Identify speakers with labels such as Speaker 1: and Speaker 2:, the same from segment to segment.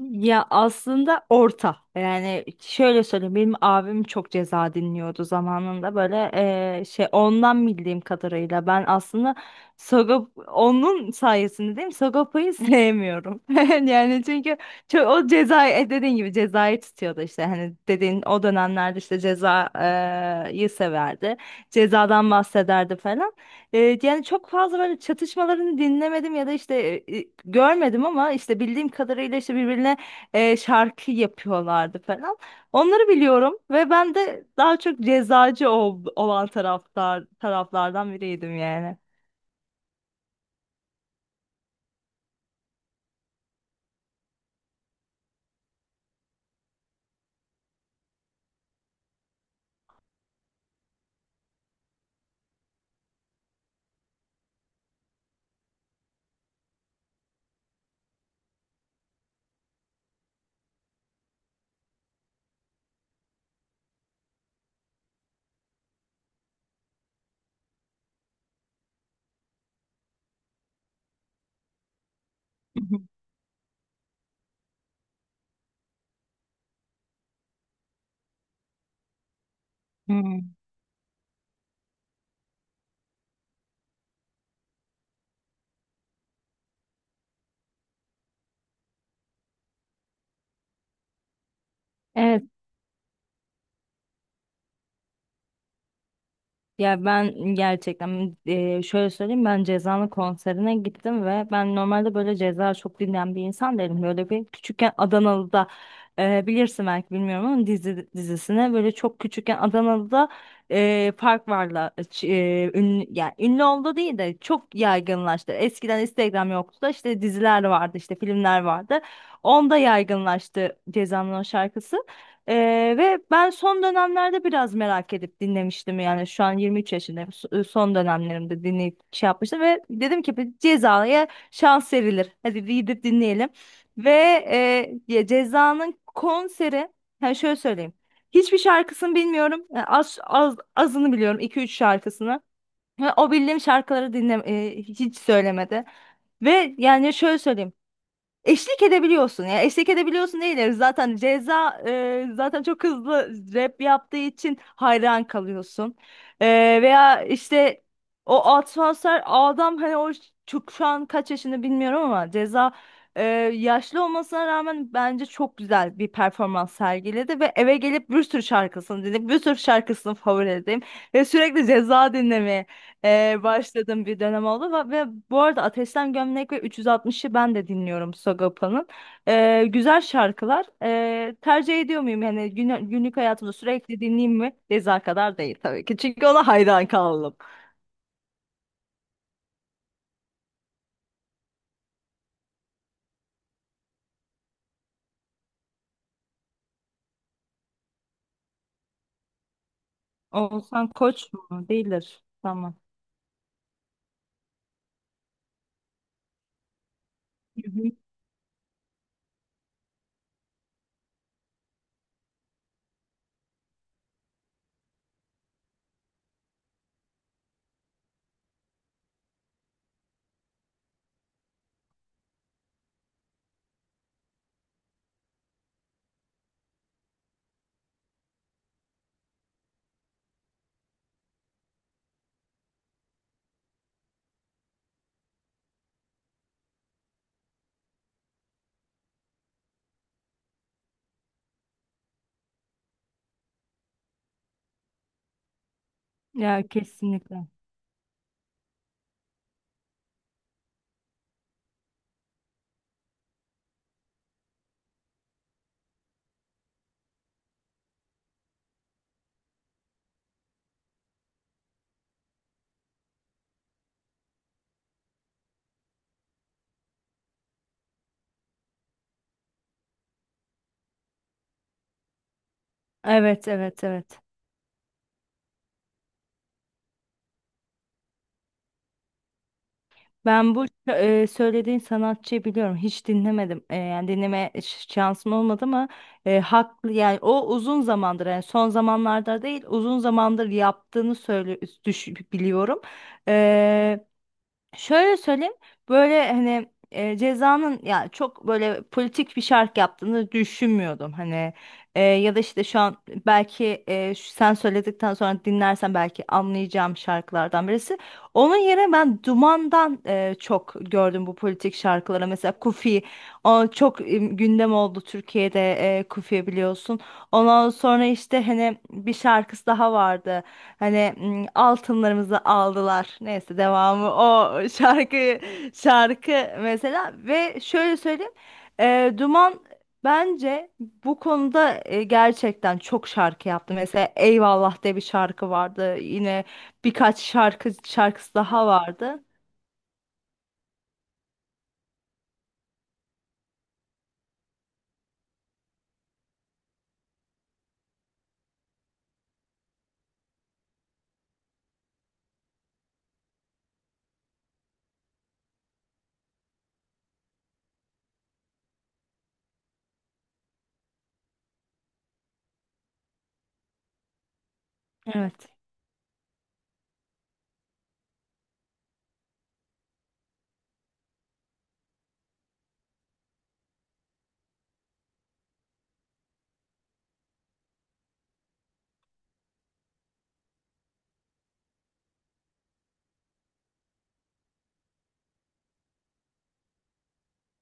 Speaker 1: Ya aslında orta. Yani şöyle söyleyeyim, benim abim çok ceza dinliyordu zamanında, böyle şey, ondan bildiğim kadarıyla ben aslında Sagop onun sayesinde değil mi? Sagopa'yı sevmiyorum. Yani çünkü çok o cezayı, dediğin gibi cezayı tutuyordu işte, hani dediğin o dönemlerde işte cezayı severdi. Cezadan bahsederdi falan. Yani çok fazla böyle çatışmalarını dinlemedim ya da işte görmedim, ama işte bildiğim kadarıyla işte birbirine şarkı yapıyorlardı falan. Onları biliyorum ve ben de daha çok cezacı olan taraflardan biriydim yani. Hmm. Evet. Ya ben gerçekten şöyle söyleyeyim, ben Ceza'nın konserine gittim ve ben normalde böyle Ceza çok dinleyen bir insan değilim. Böyle bir küçükken Adanalı'da bilirsin belki, bilmiyorum ama dizi dizisine böyle çok küçükken Adanalı'da Park Var'la ünlü, yani ünlü oldu değil de çok yaygınlaştı. Eskiden Instagram yoktu da, işte diziler vardı, işte filmler vardı. Onda yaygınlaştı Ceza'nın o şarkısı. Ee, Ve ben son dönemlerde biraz merak edip dinlemiştim. Yani şu an 23 yaşındayım, son dönemlerimde dinleyip şey yapmıştım ve dedim ki bir Ceza'ya şans verilir, hadi bir gidip dinleyelim. Ve ya Ceza'nın konseri, yani şöyle söyleyeyim, hiçbir şarkısını bilmiyorum. Yani az, az azını biliyorum, iki üç şarkısını ve o bildiğim şarkıları hiç söylemedi. Ve yani şöyle söyleyeyim, eşlik edebiliyorsun ya. Eşlik edebiliyorsun değil. Zaten Ceza zaten çok hızlı rap yaptığı için hayran kalıyorsun. E, Veya işte o atmosfer adam, hani o çok, şu an kaç yaşında bilmiyorum ama Ceza, e, yaşlı olmasına rağmen bence çok güzel bir performans sergiledi ve eve gelip bir sürü şarkısını dinledim. Bir sürü şarkısını favori edeyim ve sürekli Ceza dinlemeye başladığım bir dönem oldu. Ve bu arada Ateşten Gömlek ve 360'ı ben de dinliyorum Sagopa'nın. Güzel şarkılar. Tercih ediyor muyum? Yani günlük hayatımda sürekli dinleyeyim mi? Ceza kadar değil tabii ki. Çünkü ona hayran kaldım. Oğuzhan Koç mu? Değildir. Tamam. Hı hı. Ya kesinlikle. Evet, evet, evet. Ben bu söylediğin sanatçıyı biliyorum. Hiç dinlemedim. E, yani dinleme şansım olmadı, ama haklı yani, o uzun zamandır, yani son zamanlarda değil uzun zamandır yaptığını söyle, düş, biliyorum. Şöyle söyleyeyim, böyle hani Ceza'nın ya çok böyle politik bir şarkı yaptığını düşünmüyordum hani. Ya da işte şu an belki, sen söyledikten sonra dinlersen belki anlayacağım şarkılardan birisi. Onun yerine ben Duman'dan çok gördüm bu politik şarkılara, mesela Kufi, o çok gündem oldu Türkiye'de, Kufi biliyorsun. Ondan sonra işte hani bir şarkısı daha vardı. Hani altınlarımızı aldılar. Neyse devamı o şarkı mesela. Ve şöyle söyleyeyim, Duman bence bu konuda gerçekten çok şarkı yaptı. Mesela Eyvallah diye bir şarkı vardı. Yine birkaç şarkısı daha vardı. Evet.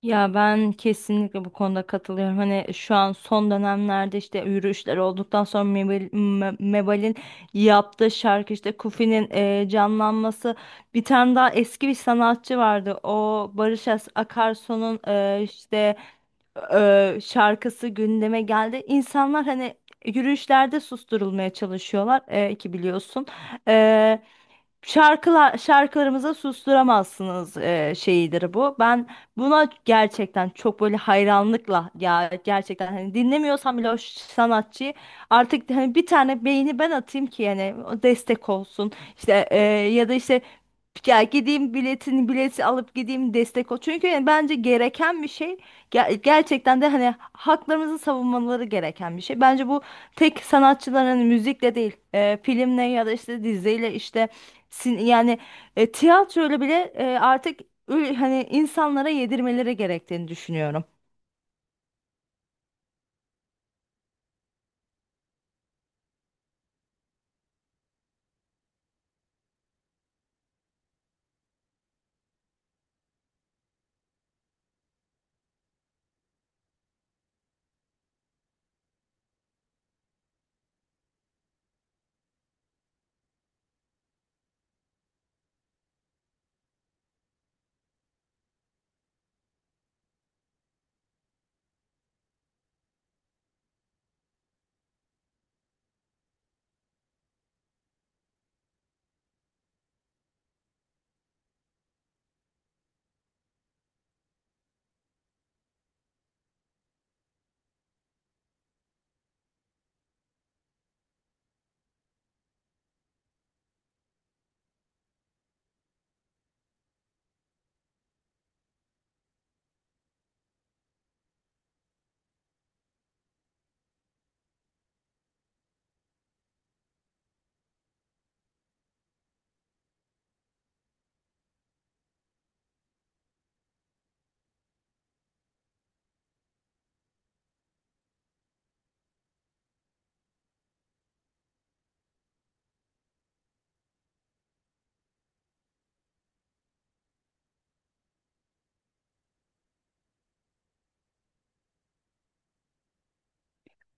Speaker 1: Ya ben kesinlikle bu konuda katılıyorum. Hani şu an son dönemlerde işte yürüyüşler olduktan sonra Mebal'in yaptığı şarkı, işte Kufi'nin canlanması. Bir tane daha eski bir sanatçı vardı. O Barış Akarsu'nun işte şarkısı gündeme geldi. İnsanlar hani yürüyüşlerde susturulmaya çalışıyorlar, ki biliyorsun. E, Şarkılar, şarkılarımıza susturamazsınız, şeyidir bu. Ben buna gerçekten çok böyle hayranlıkla, ya gerçekten hani dinlemiyorsam bile o sanatçıyı, artık hani bir tane beğeni ben atayım ki yani o destek olsun. İşte ya da işte ya gideyim, bileti alıp gideyim, destek ol. Çünkü yani bence gereken bir şey, gerçekten de hani haklarımızı savunmaları gereken bir şey. Bence bu tek sanatçıların hani müzikle değil, filmle ya da işte diziyle, işte yani tiyatroyla bile artık hani insanlara yedirmeleri gerektiğini düşünüyorum.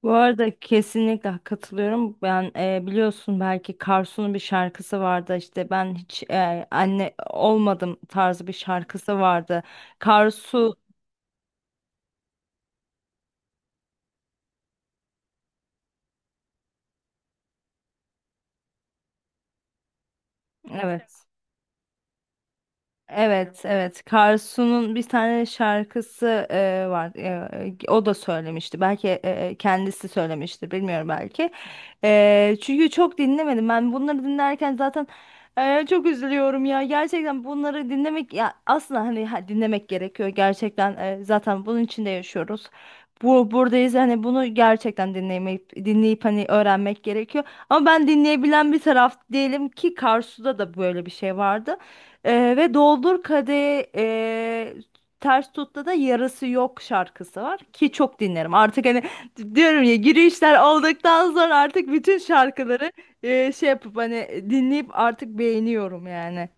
Speaker 1: Bu arada kesinlikle katılıyorum. Ben biliyorsun belki, Karsu'nun bir şarkısı vardı, işte ben hiç anne olmadım tarzı bir şarkısı vardı. Karsu evet. Evet, evet. Karsu'nun bir tane şarkısı var. E, o da söylemişti. Belki kendisi söylemiştir, bilmiyorum belki. E, çünkü çok dinlemedim. Ben bunları dinlerken zaten çok üzülüyorum ya. Gerçekten bunları dinlemek ya, aslında hani dinlemek gerekiyor. Gerçekten zaten bunun içinde yaşıyoruz. Bu buradayız, hani bunu gerçekten dinleyip dinleyip hani öğrenmek gerekiyor. Ama ben dinleyebilen bir taraf değilim ki. Karsu'da da böyle bir şey vardı. Ve doldur kadehi, ters tutta da yarısı yok şarkısı var ki çok dinlerim. Artık hani diyorum ya, girişler olduktan sonra artık bütün şarkıları şey yapıp hani dinleyip artık beğeniyorum yani.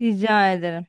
Speaker 1: Rica ederim.